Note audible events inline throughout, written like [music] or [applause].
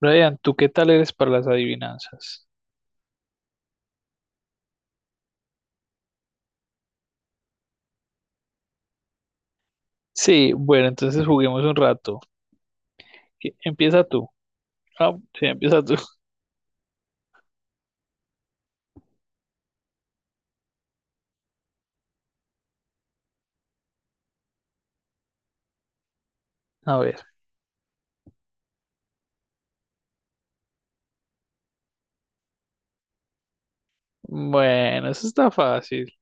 Brian, ¿tú qué tal eres para las adivinanzas? Sí, bueno, entonces juguemos un rato. ¿Qui- Empieza tú. Ah, sí, empieza tú. [laughs] A ver. Bueno, eso está fácil.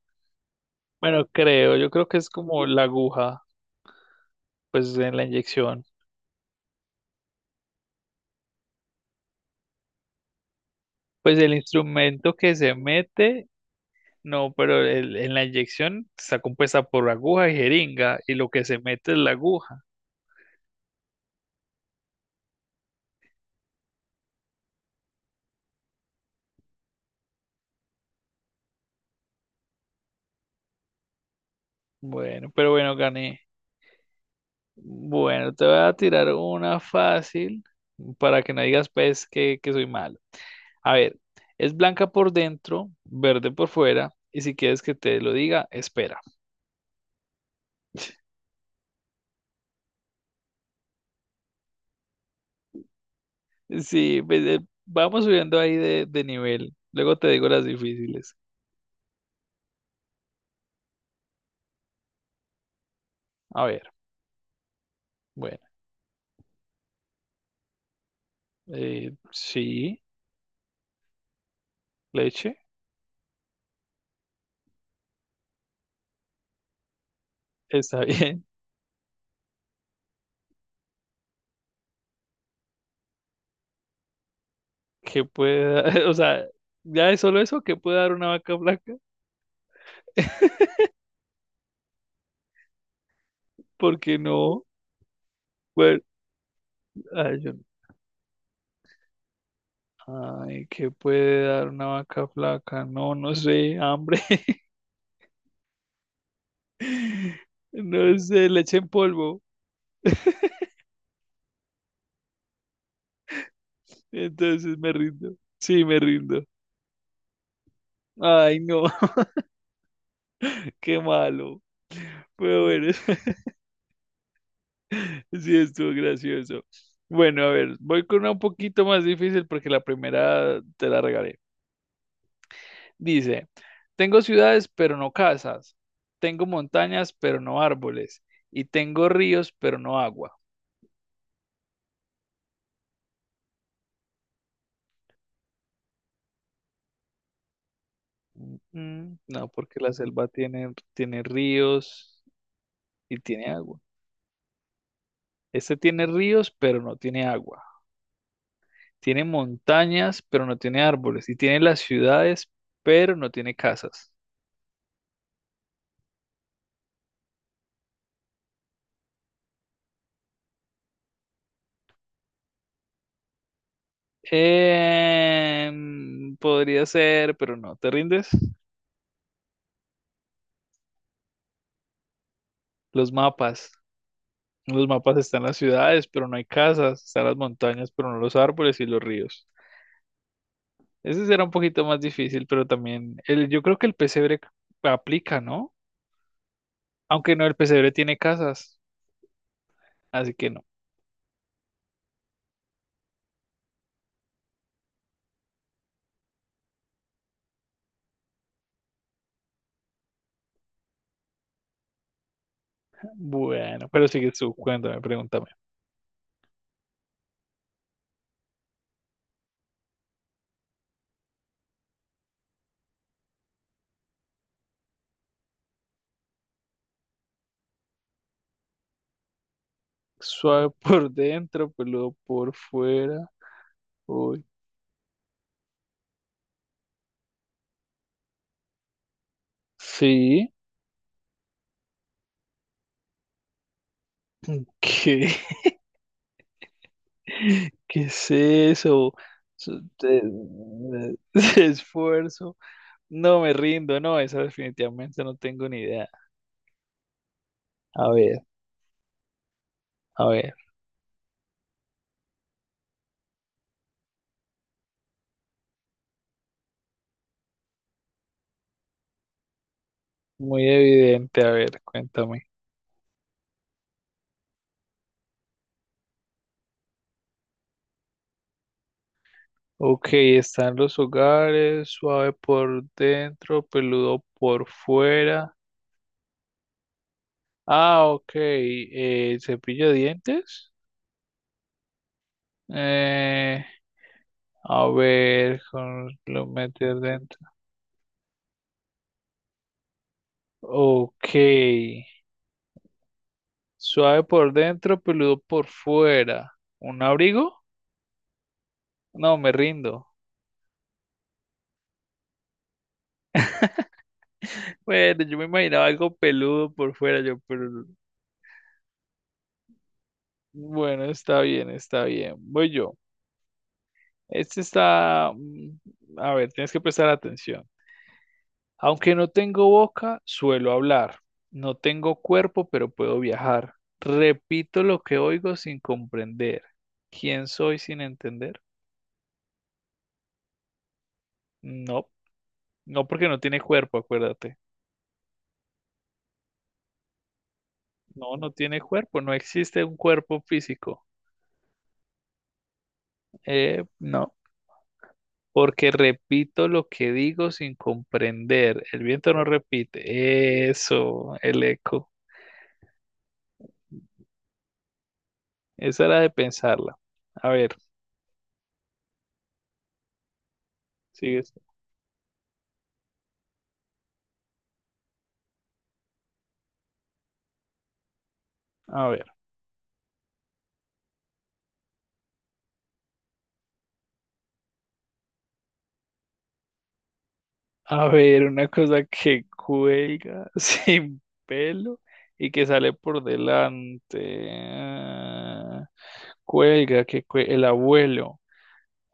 Bueno, creo, yo creo que es como la aguja, pues en la inyección. Pues el instrumento que se mete, no, pero el- en la inyección está compuesta por aguja y jeringa, y lo que se mete es la aguja. Bueno, pero bueno, gané. Bueno, te voy a tirar una fácil para que no digas pues que soy malo. A ver, es blanca por dentro, verde por fuera, y si quieres que te lo diga, espera. Sí, pues, vamos subiendo ahí de nivel. Luego te digo las difíciles. A ver, bueno, sí, leche, está [laughs] bien. ¿Qué puede dar? [laughs] O sea, ya es solo eso, ¿qué puede dar una vaca blanca? [laughs] Porque no, bueno, ay, yo- no, ay, ¿qué puede dar una vaca flaca? No, no sé, hambre. [laughs] No sé, leche en polvo. [laughs] Entonces me rindo. Sí, me rindo. Ay, no, [laughs] qué malo. Pero bueno, [laughs] sí estuvo gracioso. Bueno, a ver, voy con una un poquito más difícil porque la primera te la regalé. Dice, tengo ciudades pero no casas, tengo montañas pero no árboles y tengo ríos pero no agua. Mm, no, porque la selva tiene ríos y tiene agua. Este tiene ríos pero no tiene agua. Tiene montañas, pero no tiene árboles. Y tiene las ciudades, pero no tiene casas. Em, podría ser, pero no. ¿Te rindes? Los mapas. En Los mapas están las ciudades, pero no hay casas. Están las montañas, pero no los árboles y los ríos. Ese será un poquito más difícil, pero también el, yo creo que el pesebre aplica, ¿no? Aunque no, el pesebre tiene casas, así que no. Bueno, pero sigue su cuéntame, pregúntame. Suave [laughs] por dentro, peludo por fuera. Uy, sí. ¿Qué? [laughs] ¿Qué es eso? Su- te- [laughs] Esfuerzo. No me rindo, no, esa definitivamente no tengo ni idea. A ver, a ver, muy evidente, a ver, cuéntame. Ok, están los hogares, suave por dentro, peludo por fuera. Ah, ok, cepillo de dientes. Eh, a ver, con- lo meter dentro. Ok. Suave por dentro, peludo por fuera. ¿Un abrigo? No, me rindo. [laughs] Bueno, yo me imaginaba algo peludo por fuera, yo, pero bueno, está bien, está bien. Voy yo. Este está, mm, a ver, tienes que prestar atención. Aunque no tengo boca, suelo hablar. No tengo cuerpo, pero puedo viajar. Repito lo que oigo sin comprender. ¿Quién soy sin entender? No, no porque no tiene cuerpo, acuérdate. No, no tiene cuerpo, no existe un cuerpo físico. No, porque repito lo que digo sin comprender. El viento no repite. Eso, el eco. Esa era de pensarla. A ver, sigues. A ver. A ver, una cosa que cuelga [laughs] sin pelo y que sale por delante. Ah, cuelga, que cue- el abuelo,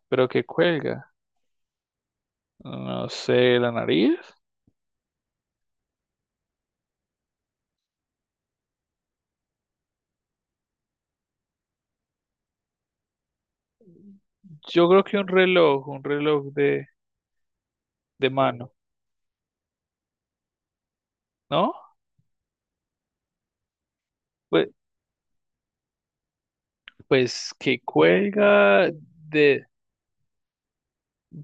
pero que cuelga. No sé, la nariz. Yo creo que un reloj de mano, ¿no? Pues, pues que cuelga de,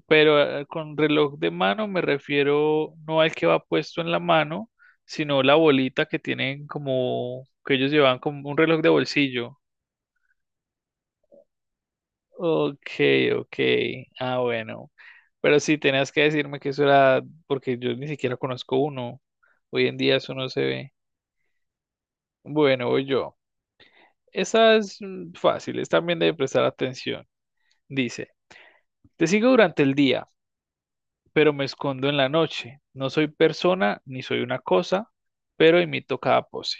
pero con reloj de mano me refiero no al que va puesto en la mano, sino la bolita que tienen como que ellos llevan como un reloj de bolsillo. Ok, ok. Ah, bueno. Pero sí, tenías que decirme que eso era porque yo ni siquiera conozco uno. Hoy en día eso no se ve. Bueno, voy yo. Esa es mm, fácil, es también de prestar atención. Dice, te sigo durante el día pero me escondo en la noche. No soy persona ni soy una cosa, pero imito cada pose.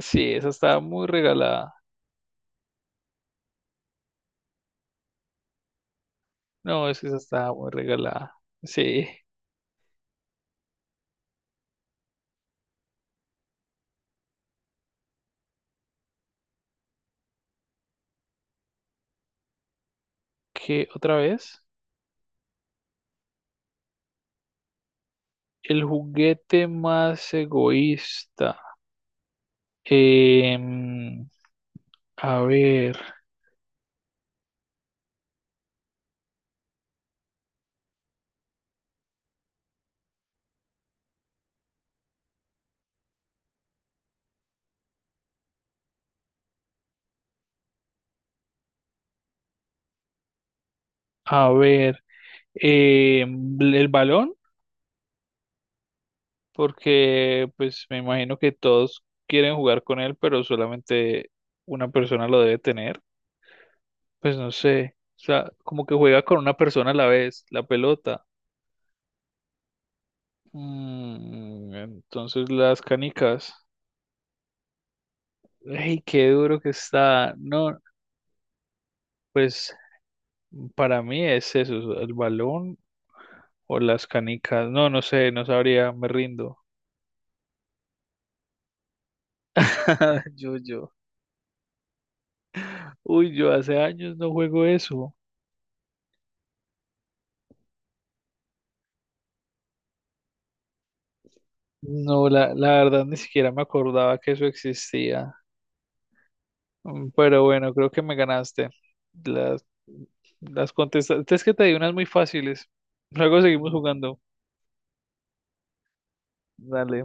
Sí, esa está muy regalada. No, es que esa está muy regalada. Sí, ¿qué otra vez? El juguete más egoísta. Em, a ver, a ver. El balón, porque pues me imagino que todos quieren jugar con él, pero solamente una persona lo debe tener. Pues no sé. O sea, como que juega con una persona a la vez, la pelota. Mm, entonces las canicas. ¡Ey, qué duro que está! No, pues para mí es eso, el balón o las canicas. No, no sé, no sabría, me rindo. [laughs] Yo, yo. Uy, yo hace años no juego eso. No, la verdad ni siquiera me acordaba que eso existía. Mm, pero bueno, creo que me ganaste. Las, las contestaste. Es que te di unas muy fáciles. Luego seguimos jugando. Dale.